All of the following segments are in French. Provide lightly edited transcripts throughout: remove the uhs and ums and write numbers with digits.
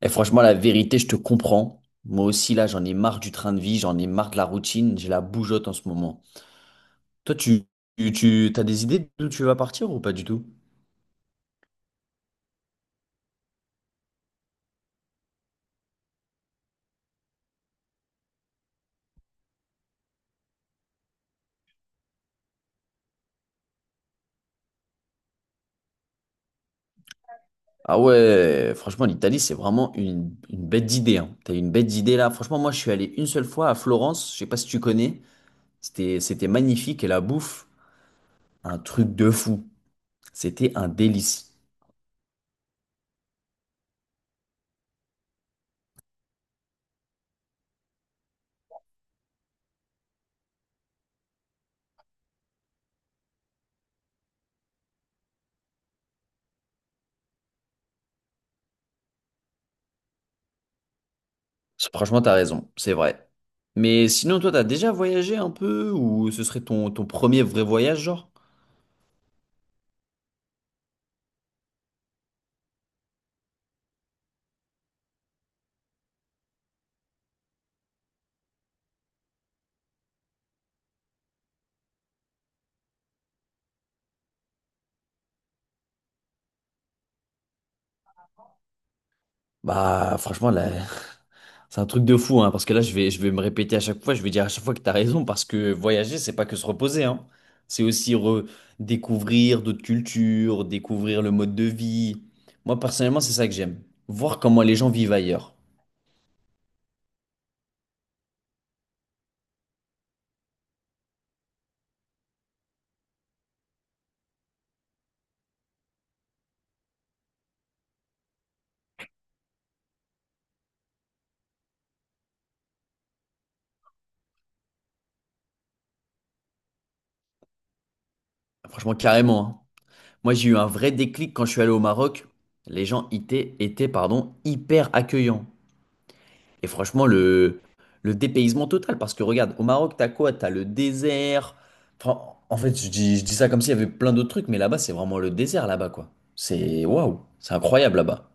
Et franchement, la vérité, je te comprends. Moi aussi, là, j'en ai marre du train de vie, j'en ai marre de la routine, j'ai la bougeotte en ce moment. Toi, t'as des idées d'où tu vas partir ou pas du tout? Ah ouais, franchement, l'Italie, c'est vraiment une bête d'idée, hein. T'as une bête d'idée là. Franchement, moi, je suis allé une seule fois à Florence, je sais pas si tu connais. C'était magnifique et la bouffe, un truc de fou. C'était un délice. Franchement, t'as raison, c'est vrai. Mais sinon, toi, t'as déjà voyagé un peu ou ce serait ton premier vrai voyage, genre? Bah, franchement, là, c'est un truc de fou, hein, parce que là, je vais me répéter à chaque fois, je vais dire à chaque fois que t'as raison, parce que voyager, c'est pas que se reposer, hein. C'est aussi redécouvrir d'autres cultures, découvrir le mode de vie. Moi, personnellement, c'est ça que j'aime. Voir comment les gens vivent ailleurs. Franchement, carrément, hein. Moi, j'ai eu un vrai déclic quand je suis allé au Maroc. Les gens pardon, hyper accueillants. Et franchement, le dépaysement total, parce que regarde, au Maroc, t'as quoi? T'as le désert. Enfin, en fait, je dis ça comme s'il y avait plein d'autres trucs, mais là-bas, c'est vraiment le désert, là-bas, quoi. C'est waouh, c'est incroyable là-bas.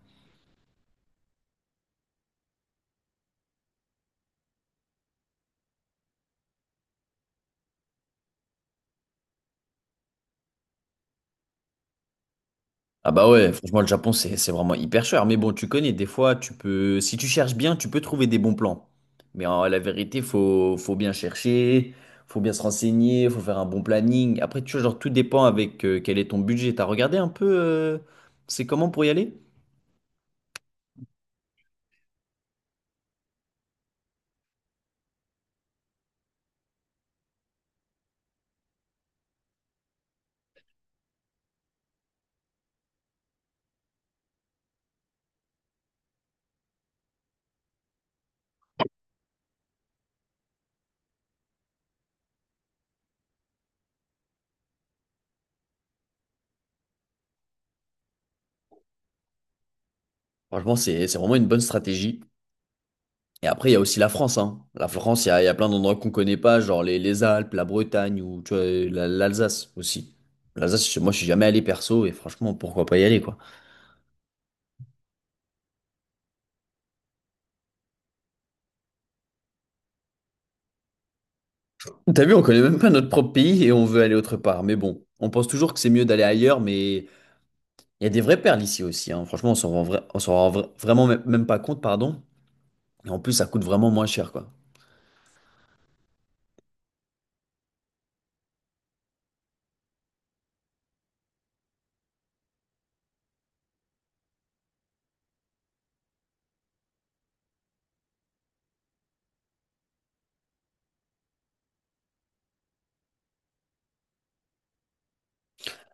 Ah bah ouais, franchement, le Japon, c'est vraiment hyper cher. Mais bon, tu connais, des fois, tu peux, si tu cherches bien, tu peux trouver des bons plans. Mais en, la vérité, faut bien chercher, faut bien se renseigner, faut faire un bon planning. Après, tu vois, genre, tout dépend avec quel est ton budget. T'as regardé un peu, c'est comment pour y aller? Franchement, c'est vraiment une bonne stratégie. Et après, il y a aussi la France, hein. La France, il y a plein d'endroits qu'on connaît pas, genre les Alpes, la Bretagne ou tu vois, l'Alsace aussi. L'Alsace, moi, je suis jamais allé perso et franchement, pourquoi pas y aller, quoi. T'as vu, on connaît même pas notre propre pays et on veut aller autre part. Mais bon, on pense toujours que c'est mieux d'aller ailleurs, mais il y a des vraies perles ici aussi, hein. Franchement, on s'en rend vraiment même pas compte, pardon. Et en plus, ça coûte vraiment moins cher, quoi.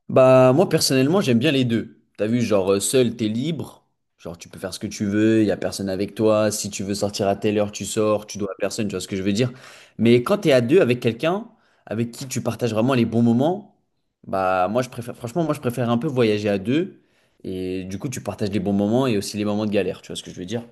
Bah moi personnellement j'aime bien les deux. T'as vu genre seul t'es libre, genre tu peux faire ce que tu veux, il y a personne avec toi, si tu veux sortir à telle heure tu sors, tu dois à personne, tu vois ce que je veux dire. Mais quand t'es à deux avec quelqu'un avec qui tu partages vraiment les bons moments, moi je préfère un peu voyager à deux, et du coup tu partages les bons moments et aussi les moments de galère, tu vois ce que je veux dire.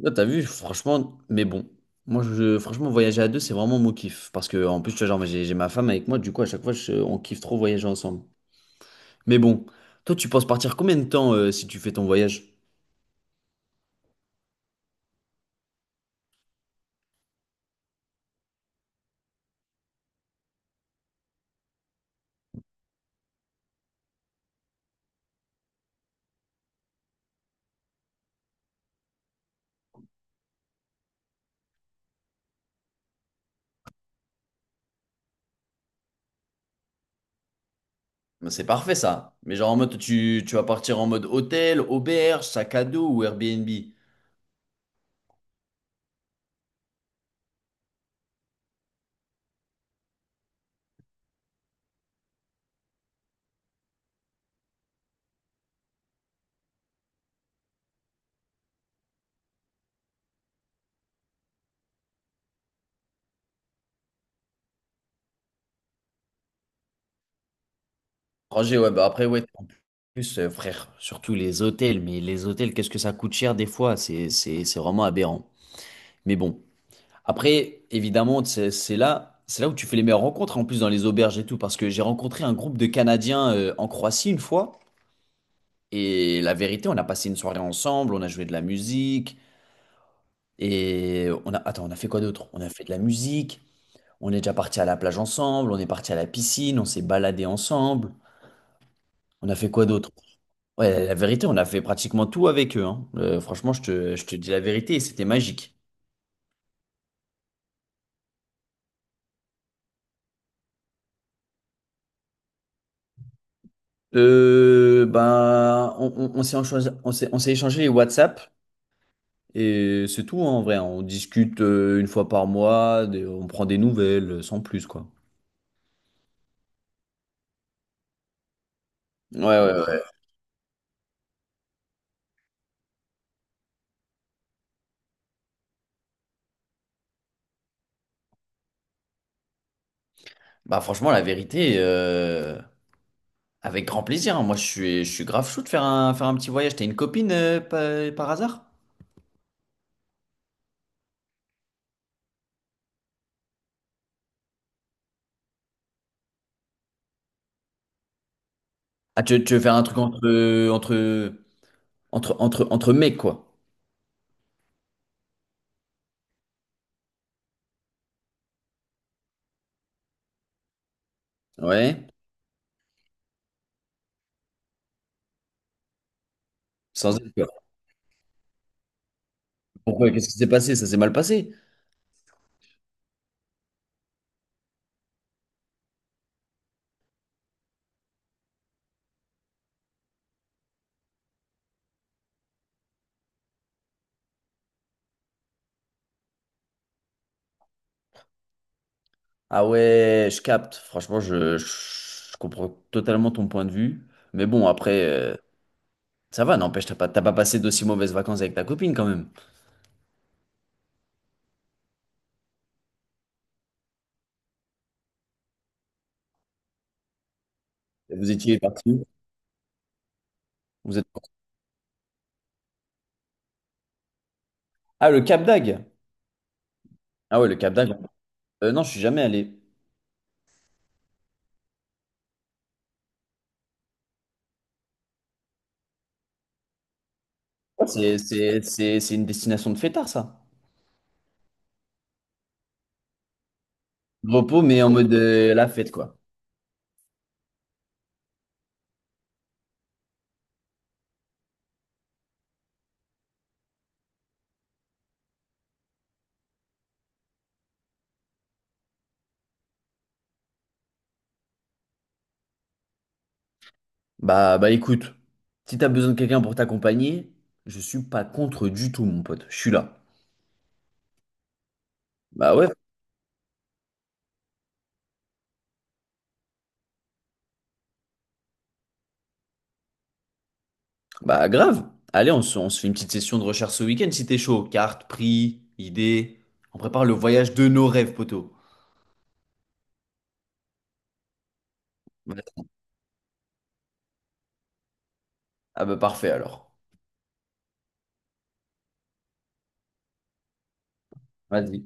Là, t'as vu, franchement, mais bon. Franchement, voyager à deux, c'est vraiment mon kiff. Parce que, en plus, tu vois, genre, j'ai ma femme avec moi, du coup, à chaque fois, on kiffe trop voyager ensemble. Mais bon, toi, tu penses partir combien de temps si tu fais ton voyage? Mais c'est parfait ça. Mais genre en mode tu vas partir en mode hôtel, auberge, sac à dos ou Airbnb? Roger, ouais, bah après ouais, en plus frère, surtout les hôtels, mais les hôtels, qu'est-ce que ça coûte cher des fois? C'est vraiment aberrant. Mais bon, après, évidemment, c'est là où tu fais les meilleures rencontres, en plus dans les auberges et tout, parce que j'ai rencontré un groupe de Canadiens en Croatie une fois, et la vérité, on a passé une soirée ensemble, on a joué de la musique. Et on a, attends, on a fait quoi d'autre? On a fait de la musique, on est déjà parti à la plage ensemble, on est parti à la piscine, on s'est baladé ensemble. On a fait quoi d'autre? Ouais, la vérité, on a fait pratiquement tout avec eux, hein. Franchement, je te dis la vérité, et c'était magique. Ben, on s'est enchoi- on s'est échangé les WhatsApp et c'est tout, hein, en vrai, hein. On discute une fois par mois, on prend des nouvelles, sans plus, quoi. Ouais, ouais, ouais. Bah franchement, la vérité, avec grand plaisir, hein. Moi, je suis grave chaud de faire faire un petit voyage. T'as une copine par hasard? Ah, tu veux faire un truc entre mecs, quoi? Ouais. Sans être. Pourquoi? Qu'est-ce qui s'est passé? Ça s'est mal passé? Ah ouais, je capte. Franchement, je comprends totalement ton point de vue. Mais bon, après, ça va, n'empêche, t'as pas passé d'aussi mauvaises vacances avec ta copine quand même. Vous étiez parti où? Vous êtes... Ah, le Cap d'Agde. Ah ouais, le Cap d'Agde. Non, je suis jamais allé. C'est une destination de fêtard, ça. Repos, mais en mode la fête, quoi. Bah, bah écoute, si t'as besoin de quelqu'un pour t'accompagner, je suis pas contre du tout, mon pote. Je suis là. Bah ouais, bah grave. Allez, on se fait une petite session de recherche ce week-end si t'es chaud. Cartes, prix, idées. On prépare le voyage de nos rêves, poteau. Vas-y. Ah bah parfait alors. Vas-y.